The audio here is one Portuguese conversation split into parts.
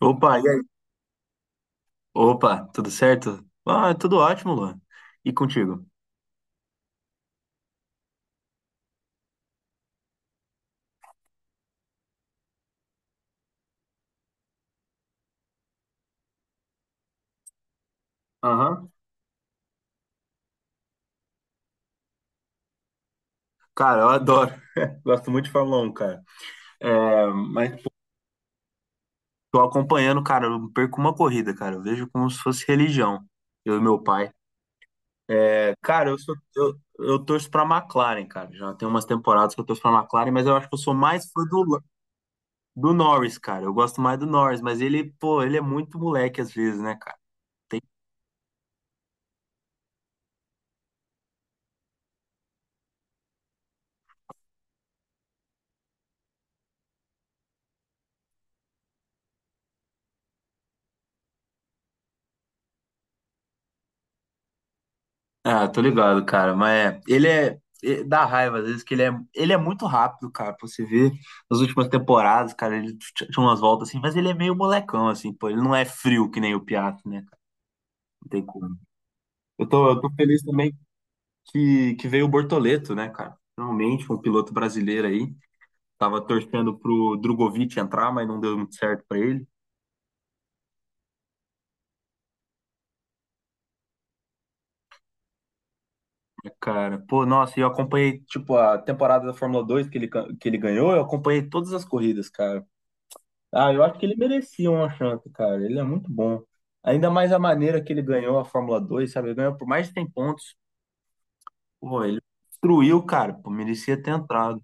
Opa, e aí? Opa, tudo certo? Ah, tudo ótimo, Luan. E contigo? Aham. Cara, eu adoro. Gosto muito de Fórmula 1, cara. É, mas tô acompanhando, cara. Eu não perco uma corrida, cara. Eu vejo como se fosse religião. Eu e meu pai. É, cara, eu torço pra McLaren, cara. Já tem umas temporadas que eu torço pra McLaren, mas eu acho que eu sou mais fã do, do Norris, cara. Eu gosto mais do Norris, mas ele, pô, ele é muito moleque às vezes, né, cara? Ah, tô ligado, cara. Mas é, dá raiva às vezes que ele é muito rápido, cara. Pra você ver nas últimas temporadas, cara, ele tinha umas voltas assim, mas ele é meio molecão assim, pô. Ele não é frio que nem o Piatti, né, cara? Não tem como. Eu tô feliz também que veio o Bortoleto, né, cara? Finalmente, um piloto brasileiro aí. Tava torcendo pro Drogovic entrar, mas não deu muito certo pra ele. É, cara, pô, nossa, eu acompanhei, tipo, a temporada da Fórmula Dois que ele, que ele ganhou, eu acompanhei todas as corridas, cara. Ah, eu acho que ele merecia uma chance, cara. Ele é muito bom. Ainda mais a maneira que ele ganhou a Fórmula 2, sabe? Ele ganhou por mais de 100 pontos. Pô, ele destruiu, cara. Pô, merecia ter entrado.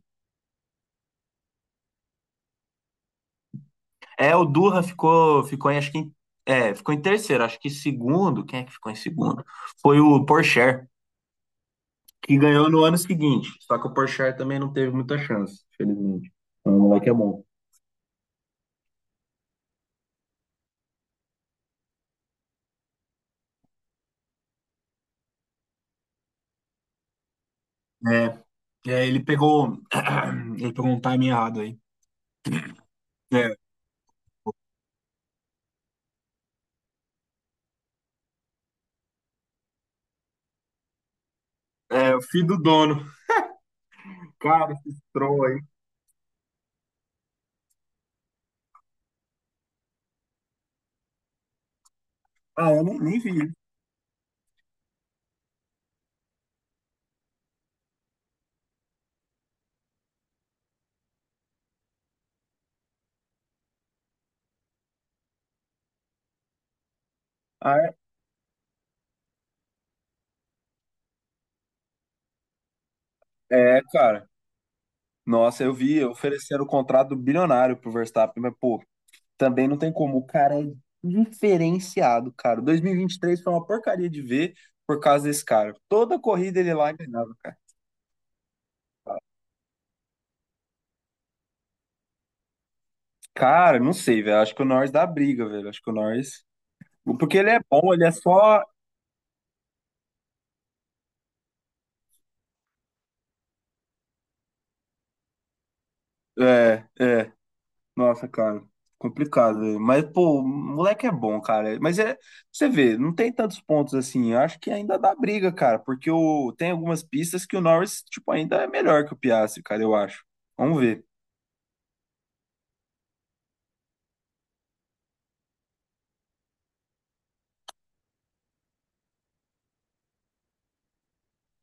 É, o Durra ficou, é, ficou em terceiro. Acho que segundo. Quem é que ficou em segundo? Foi o Porsche, que ganhou no ano seguinte. Só que o Porsche também não teve muita chance, felizmente. Então, o moleque é bom. É, ele pegou, ele pegou um time errado aí. É, o filho do dono. Cara, esse troll... Ah, eu nem vi. Ah, é, é, cara. Nossa, eu vi, ofereceram o contrato bilionário pro Verstappen, mas, pô, também não tem como. O cara é diferenciado, cara. 2023 foi uma porcaria de ver por causa desse cara. Toda corrida ele lá ganhava. Cara, não sei, velho. Acho que o Norris dá briga, velho. Acho que o Norris. Porque ele é bom, ele é só. É, é. Nossa, cara, complicado, velho. Mas, pô, o moleque é bom, cara. Mas é, você vê, não tem tantos pontos assim. Eu acho que ainda dá briga, cara, porque o, tem algumas pistas que o Norris, tipo, ainda é melhor que o Piastri, cara, eu acho. Vamos ver.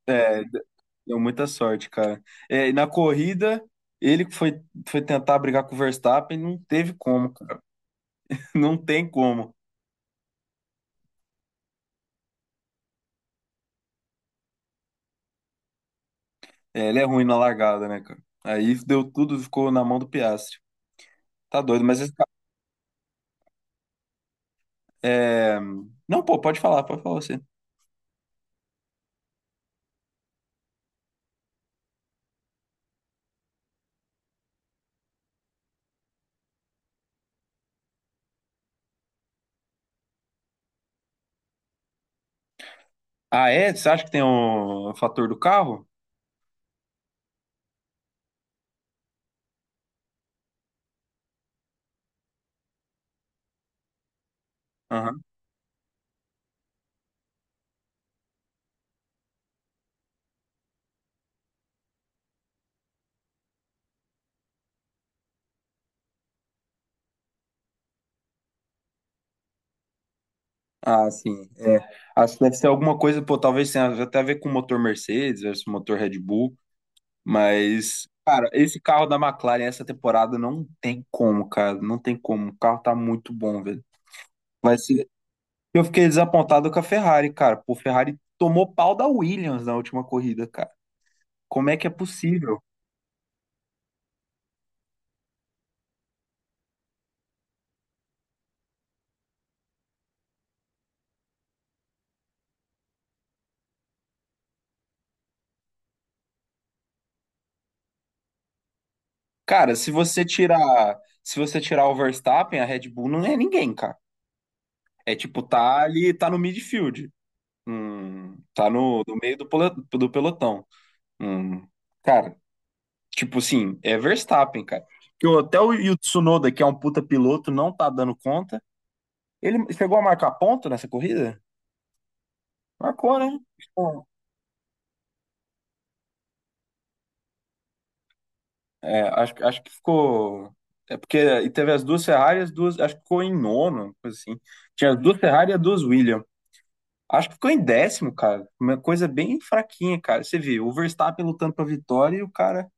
É, deu muita sorte, cara. É, e na corrida, ele que foi, foi tentar brigar com o Verstappen, não teve como, cara. Não tem como. É, ele é ruim na largada, né, cara? Aí deu tudo, ficou na mão do Piastri. Tá doido, mas esse é... Não, pô, pode falar você. Ah, é? Você acha que tem um fator do carro? Aham. Ah, sim. É. Acho que deve ser alguma coisa, pô, talvez tenha até a ver com o motor Mercedes versus o motor Red Bull, mas, cara, esse carro da McLaren essa temporada não tem como, cara, não tem como. O carro tá muito bom, velho. Vai ser... Eu fiquei desapontado com a Ferrari, cara. Pô, a Ferrari tomou pau da Williams na última corrida, cara. Como é que é possível? Cara, se você tirar, se você tirar o Verstappen, a Red Bull não é ninguém, cara. É tipo, tá ali, tá no midfield. Tá no, no meio do, do pelotão. Hum, cara, tipo assim, é Verstappen, cara. Que até o, e o Tsunoda, que é um puta piloto, não tá dando conta. Ele chegou a marcar ponto nessa corrida? Marcou, né? Bom, é, acho, acho que ficou. É porque e teve as duas Ferrari, as duas. Acho que ficou em nono, coisa assim. Tinha as duas Ferrari e as duas Williams. Acho que ficou em décimo, cara. Uma coisa bem fraquinha, cara. Você vê, o Verstappen lutando pra vitória e o cara...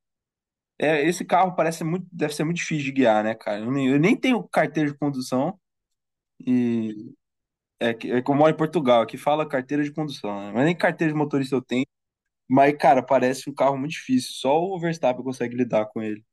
É, esse carro parece muito, deve ser muito difícil de guiar, né, cara? Eu nem tenho carteira de condução e é que eu moro em Portugal, aqui fala carteira de condução, né? Mas nem carteira de motorista eu tenho. Mas, cara, parece um carro muito difícil. Só o Verstappen consegue lidar com ele.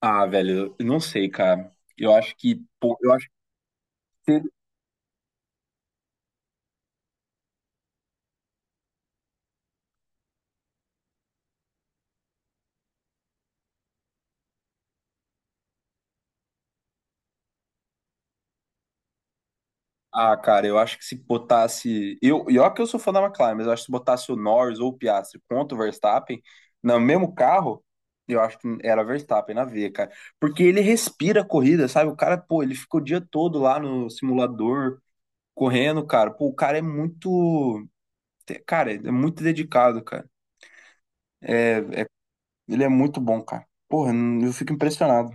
Ah, velho, eu não sei, cara. Eu acho que, pô, eu acho que Ah, cara, eu acho que se botasse. Eu, e olha que eu sou fã da McLaren, mas eu acho que se botasse o Norris ou o Piastri contra o Verstappen no mesmo carro, eu acho que era Verstappen na veia, cara. Porque ele respira a corrida, sabe? O cara, pô, ele fica o dia todo lá no simulador correndo, cara. Pô, o cara é muito. Cara, é muito dedicado, cara. Ele é muito bom, cara. Porra, eu fico impressionado.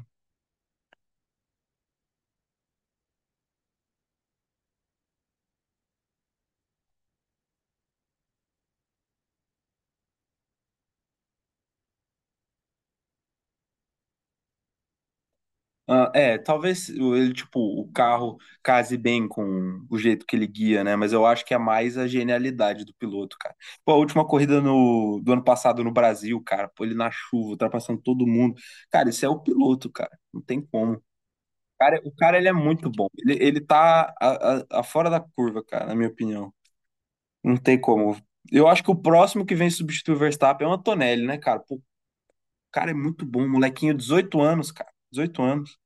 Ah, é, talvez ele, tipo, o carro case bem com o jeito que ele guia, né? Mas eu acho que é mais a genialidade do piloto, cara. Pô, a última corrida no, do ano passado no Brasil, cara, pô, ele na chuva, ultrapassando todo mundo. Cara, isso é o piloto, cara. Não tem como. Cara, o cara, ele é muito bom. Ele tá a fora da curva, cara, na minha opinião. Não tem como. Eu acho que o próximo que vem substituir o Verstappen é o Antonelli, né, cara? Pô, o cara é muito bom, molequinho, 18 anos, cara. Dezoito anos.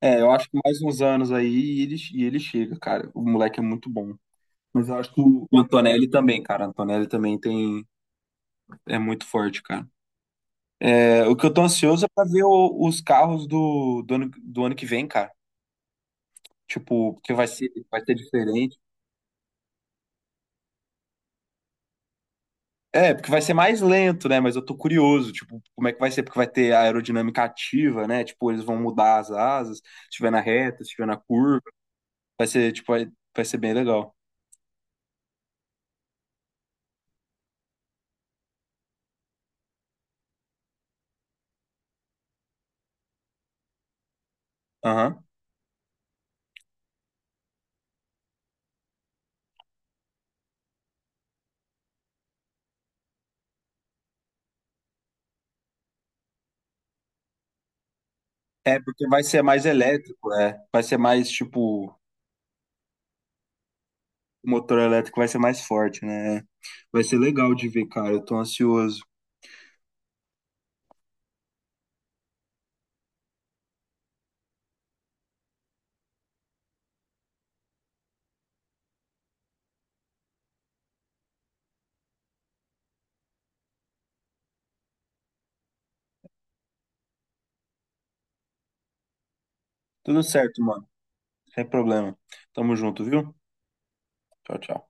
É, eu acho que mais uns anos aí e ele chega, cara. O moleque é muito bom. Mas eu acho que o Antonelli também, cara. O Antonelli também tem, é muito forte, cara. É, o que eu tô ansioso é pra ver os carros do, do ano, do ano que vem, cara. Tipo, porque vai ser diferente. É, porque vai ser mais lento, né? Mas eu tô curioso, tipo, como é que vai ser? Porque vai ter a aerodinâmica ativa, né? Tipo, eles vão mudar as asas, se estiver na reta, se estiver na curva. Vai ser, tipo, vai ser bem legal. Aham. É, porque vai ser mais elétrico, é. Vai ser mais, tipo, o motor elétrico vai ser mais forte, né? Vai ser legal de ver, cara. Eu tô ansioso. Tudo certo, mano. Sem problema. Tamo junto, viu? Tchau, tchau.